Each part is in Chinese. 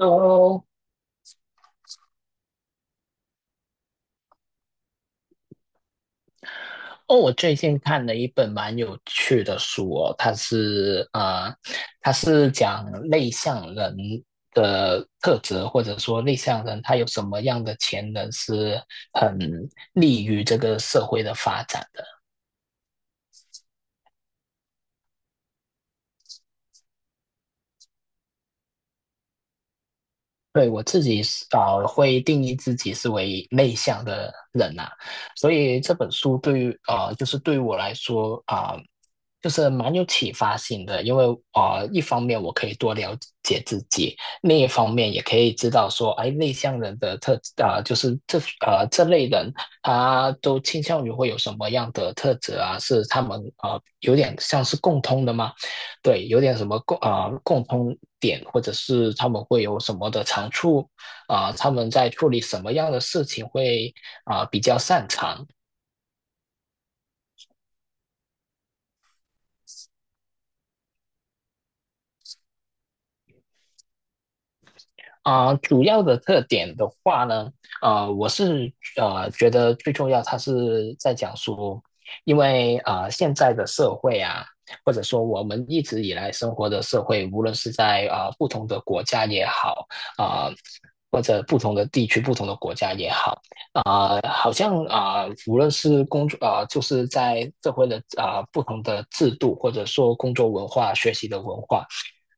h 哦，我最近看了一本蛮有趣的书哦，它是讲内向人的特质，或者说内向人他有什么样的潜能是很利于这个社会的发展的。对，我自己是会定义自己是为内向的人呐。所以这本书对于呃，就是对于我来说就是蛮有启发性的，因为啊，一方面我可以多了解自己，另一方面也可以知道说，哎，内向人的特啊、就是这呃这类人，他都倾向于会有什么样的特质啊？是他们啊有点像是共通的吗？对，有点什么共通点，或者是他们会有什么的长处，他们在处理什么样的事情会比较擅长。主要的特点的话呢，我是觉得最重要，它是在讲说，因为啊现在的社会啊，或者说我们一直以来生活的社会，无论是在啊不同的国家也好，啊、呃或者不同的地区、不同的国家也好，好像无论是工作就是在社会的不同的制度，或者说工作文化、学习的文化，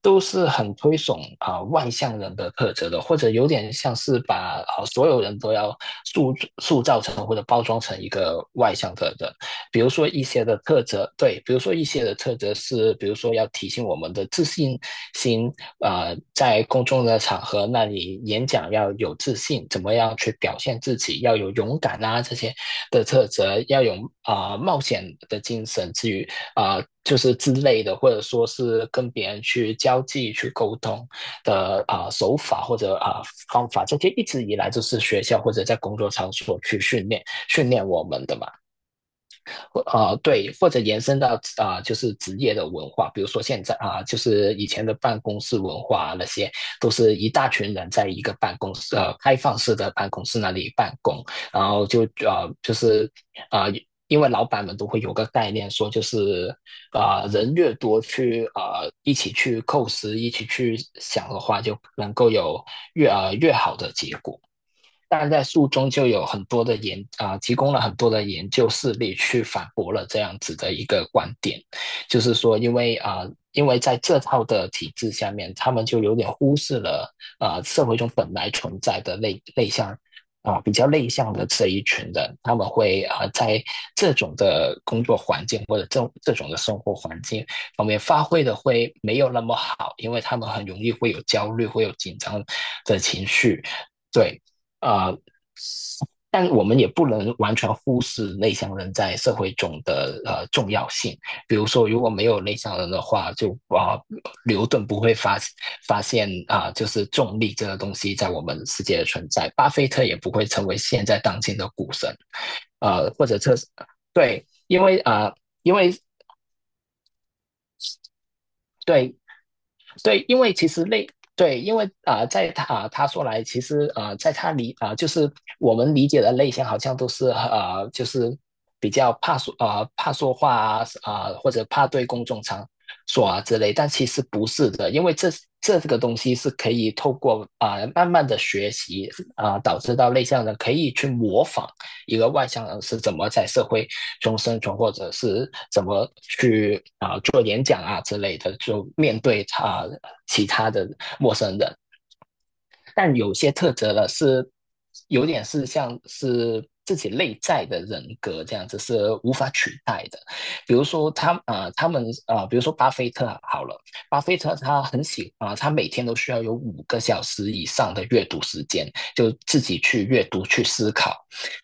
都是很推崇外向人的特质的，或者有点像是把所有人都要塑塑造成或者包装成一个外向的人。比如说一些的特质，对，比如说一些的特质是，比如说要提醒我们的自信心。在公众的场合，那你演讲要有自信，怎么样去表现自己，要有勇敢啊这些的特质，要有冒险的精神，至于就是之类的，或者说是跟别人去交际、去沟通的手法或者方法，这些一直以来就是学校或者在工作场所去训练我们的嘛。啊，对，或者延伸到就是职业的文化，比如说现在就是以前的办公室文化啊那些，都是一大群人在一个办公室，开放式的办公室那里办公，然后就是啊、呃因为老板们都会有个概念，说就是人越多去一起去构思，一起去想的话，就能够有越好的结果。但在书中就有很多的提供了很多的研究事例去反驳了这样子的一个观点，就是说，因为因为在这套的体制下面，他们就有点忽视了社会中本来存在的内向、比较内向的这一群人，他们会在这种的工作环境或者这种的生活环境方面发挥的会没有那么好，因为他们很容易会有焦虑，会有紧张的情绪。对，啊、呃但我们也不能完全忽视内向人在社会中的重要性。比如说，如果没有内向人的话，就牛顿不会发现就是重力这个东西在我们世界的存在，巴菲特也不会成为现在当今的股神。或者这对。因为对对。因为其实类对。因为在他说来，其实在他理啊、呃就是我们理解的类型，好像都是就是比较怕说话或者怕对公众场所啊之类，但其实不是的，因为这个东西是可以透过慢慢的学习导致到内向人可以去模仿一个外向人是怎么在社会中生存，或者是怎么去做演讲啊之类的，就面对其他的陌生人。但有些特质呢，是有点是像是自己内在的人格这样子是无法取代的。比如说他啊、呃他们啊、呃比如说巴菲特啊好了，巴菲特他很喜啊、呃他每天都需要有5个小时以上的阅读时间，就自己去阅读、去思考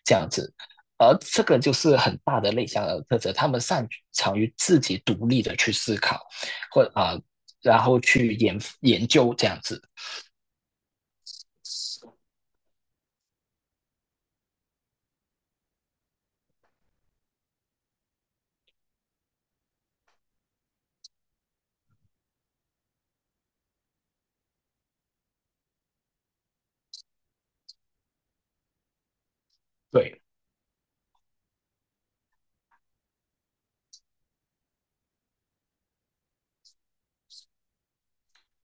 这样子。而这个就是很大的内向的特质，他们擅长于自己独立的去思考，或然后去研究这样子。对，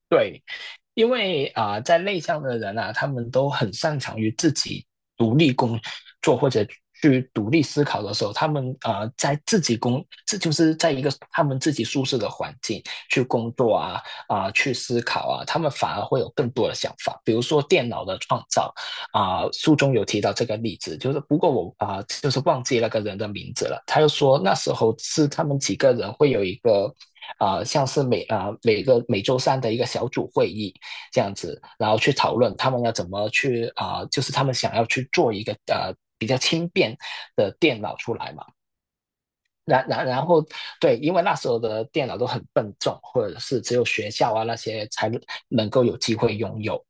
对，因为在内向的人啊，他们都很擅长于自己独立工作或者去独立思考的时候，他们啊、呃在自己工，这就是在一个他们自己舒适的环境去工作啊、去思考啊，他们反而会有更多的想法。比如说电脑的创造，书中有提到这个例子，就是不过我就是忘记那个人的名字了。他又说那时候是他们几个人会有一个像是每个每周三的一个小组会议这样子，然后去讨论他们要怎么去就是他们想要去做一个比较轻便的电脑出来嘛。然后，对，因为那时候的电脑都很笨重，或者是只有学校啊那些才能够有机会拥有，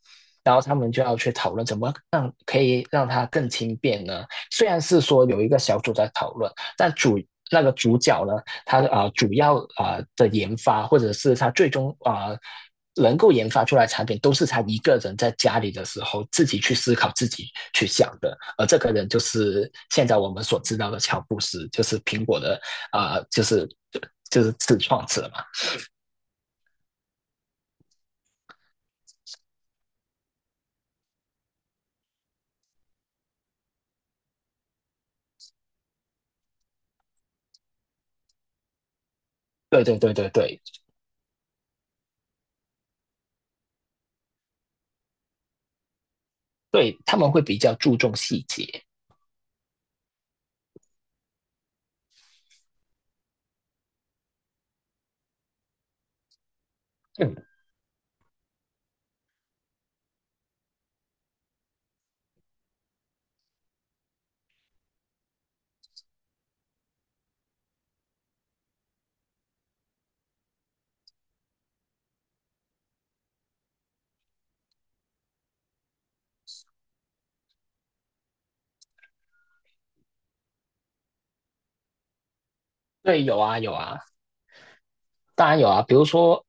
然后他们就要去讨论怎么让可以让它更轻便呢？虽然是说有一个小组在讨论，但那个主角呢，他主要的研发或者是他最终能够研发出来的产品，都是他一个人在家里的时候自己去思考、自己去想的。而这个人就是现在我们所知道的乔布斯，就是苹果的啊、呃就是就就是自创者嘛。对对对对对对，他们会比较注重细节。嗯，对，有啊有啊，当然有啊。比如说，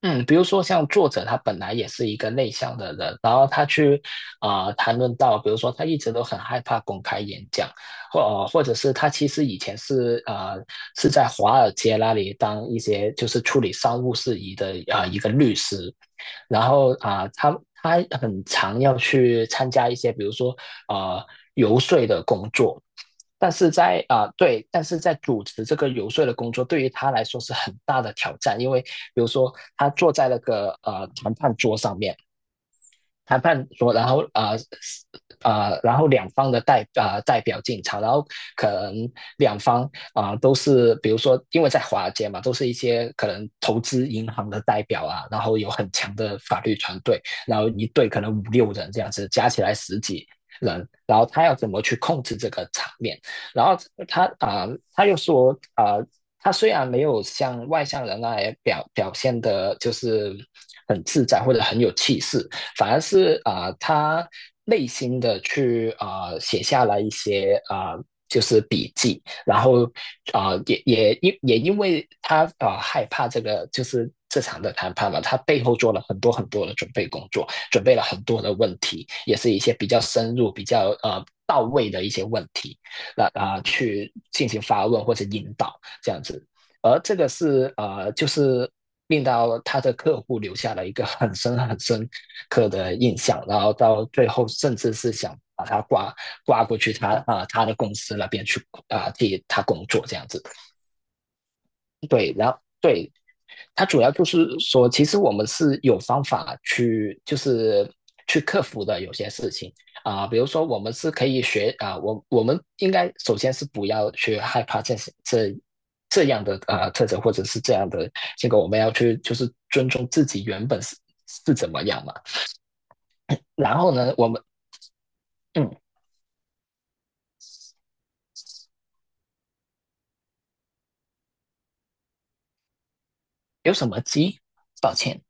嗯，比如说像作者他本来也是一个内向的人，然后他去谈论到，比如说他一直都很害怕公开演讲，或者是他其实以前是是在华尔街那里当一些就是处理商务事宜的一个律师，然后他很常要去参加一些，比如说呃游说的工作，但是对，但是在主持这个游说的工作，对于他来说是很大的挑战，因为比如说他坐在那个谈判桌上面。谈判说，然后然后两方的代表进场，然后可能两方都是，比如说，因为在华尔街嘛，都是一些可能投资银行的代表啊，然后有很强的法律团队，然后一队可能五六人这样子，加起来十几人，然后他要怎么去控制这个场面？然后他又说他虽然没有像外向人那样表现的，就是很自在或者很有气势。反而是他内心的去写下了一些就是笔记，然后也因为他害怕这个就是这场的谈判嘛，他背后做了很多很多的准备工作，准备了很多的问题，也是一些比较深入、比较到位的一些问题，那去进行发问或者引导这样子。而这个是就是令到他的客户留下了一个很深很深刻的印象，然后到最后甚至是想把他挂过去他他的公司那边去替他工作这样子。对，然后对，它主要就是说，其实我们是有方法去，就是去克服的有些事情。比如说我们是可以学啊、呃我我们应该首先是不要去害怕这些这样的啊特征或者是这样的结果，我们要去就是尊重自己原本是是怎么样嘛。然后呢，我们嗯有什么鸡？抱歉，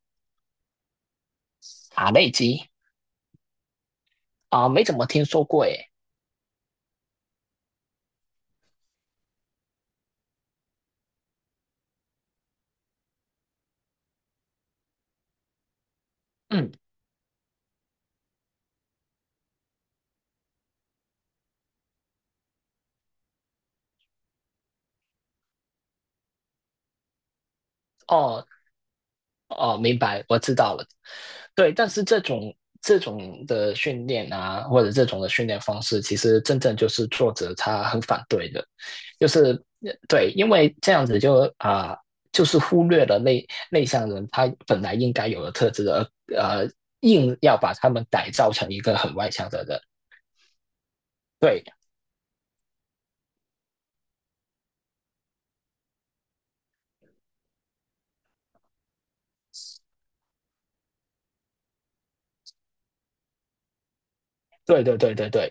茶内鸡没怎么听说过诶。嗯，哦，哦，明白，我知道了。对，但是这种的训练啊，或者这种的训练方式，其实真正就是作者他很反对的，就是对，因为这样子就就是忽略了内向人他本来应该有的特质的，而硬要把他们改造成一个很外向的人。对，对，对，对，对，对。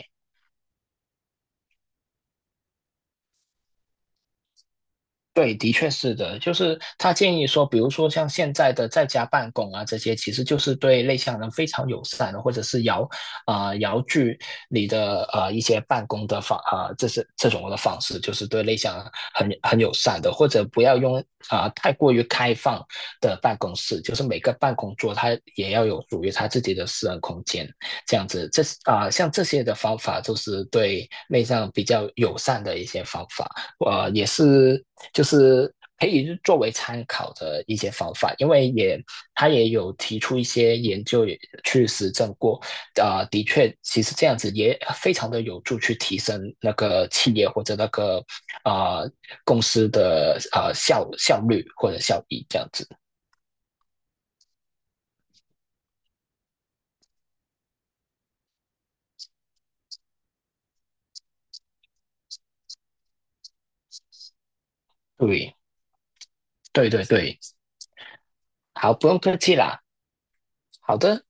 对，的确是的，就是他建议说，比如说像现在的在家办公啊，这些其实就是对内向人非常友善的，或者是遥距你的啊一些办公的这是这种的方式，就是对内向人很友善的，或者不要用太过于开放的办公室，就是每个办公桌它也要有属于它自己的私人空间，这样子，这是像这些的方法就是对内向比较友善的一些方法。啊也是就是可以作为参考的一些方法，因为也他也有提出一些研究去实证过，啊、的确，其实这样子也非常的有助去提升那个企业或者那个啊、公司的啊效率或者效益这样子。对，对对对，好，不用客气啦，好的。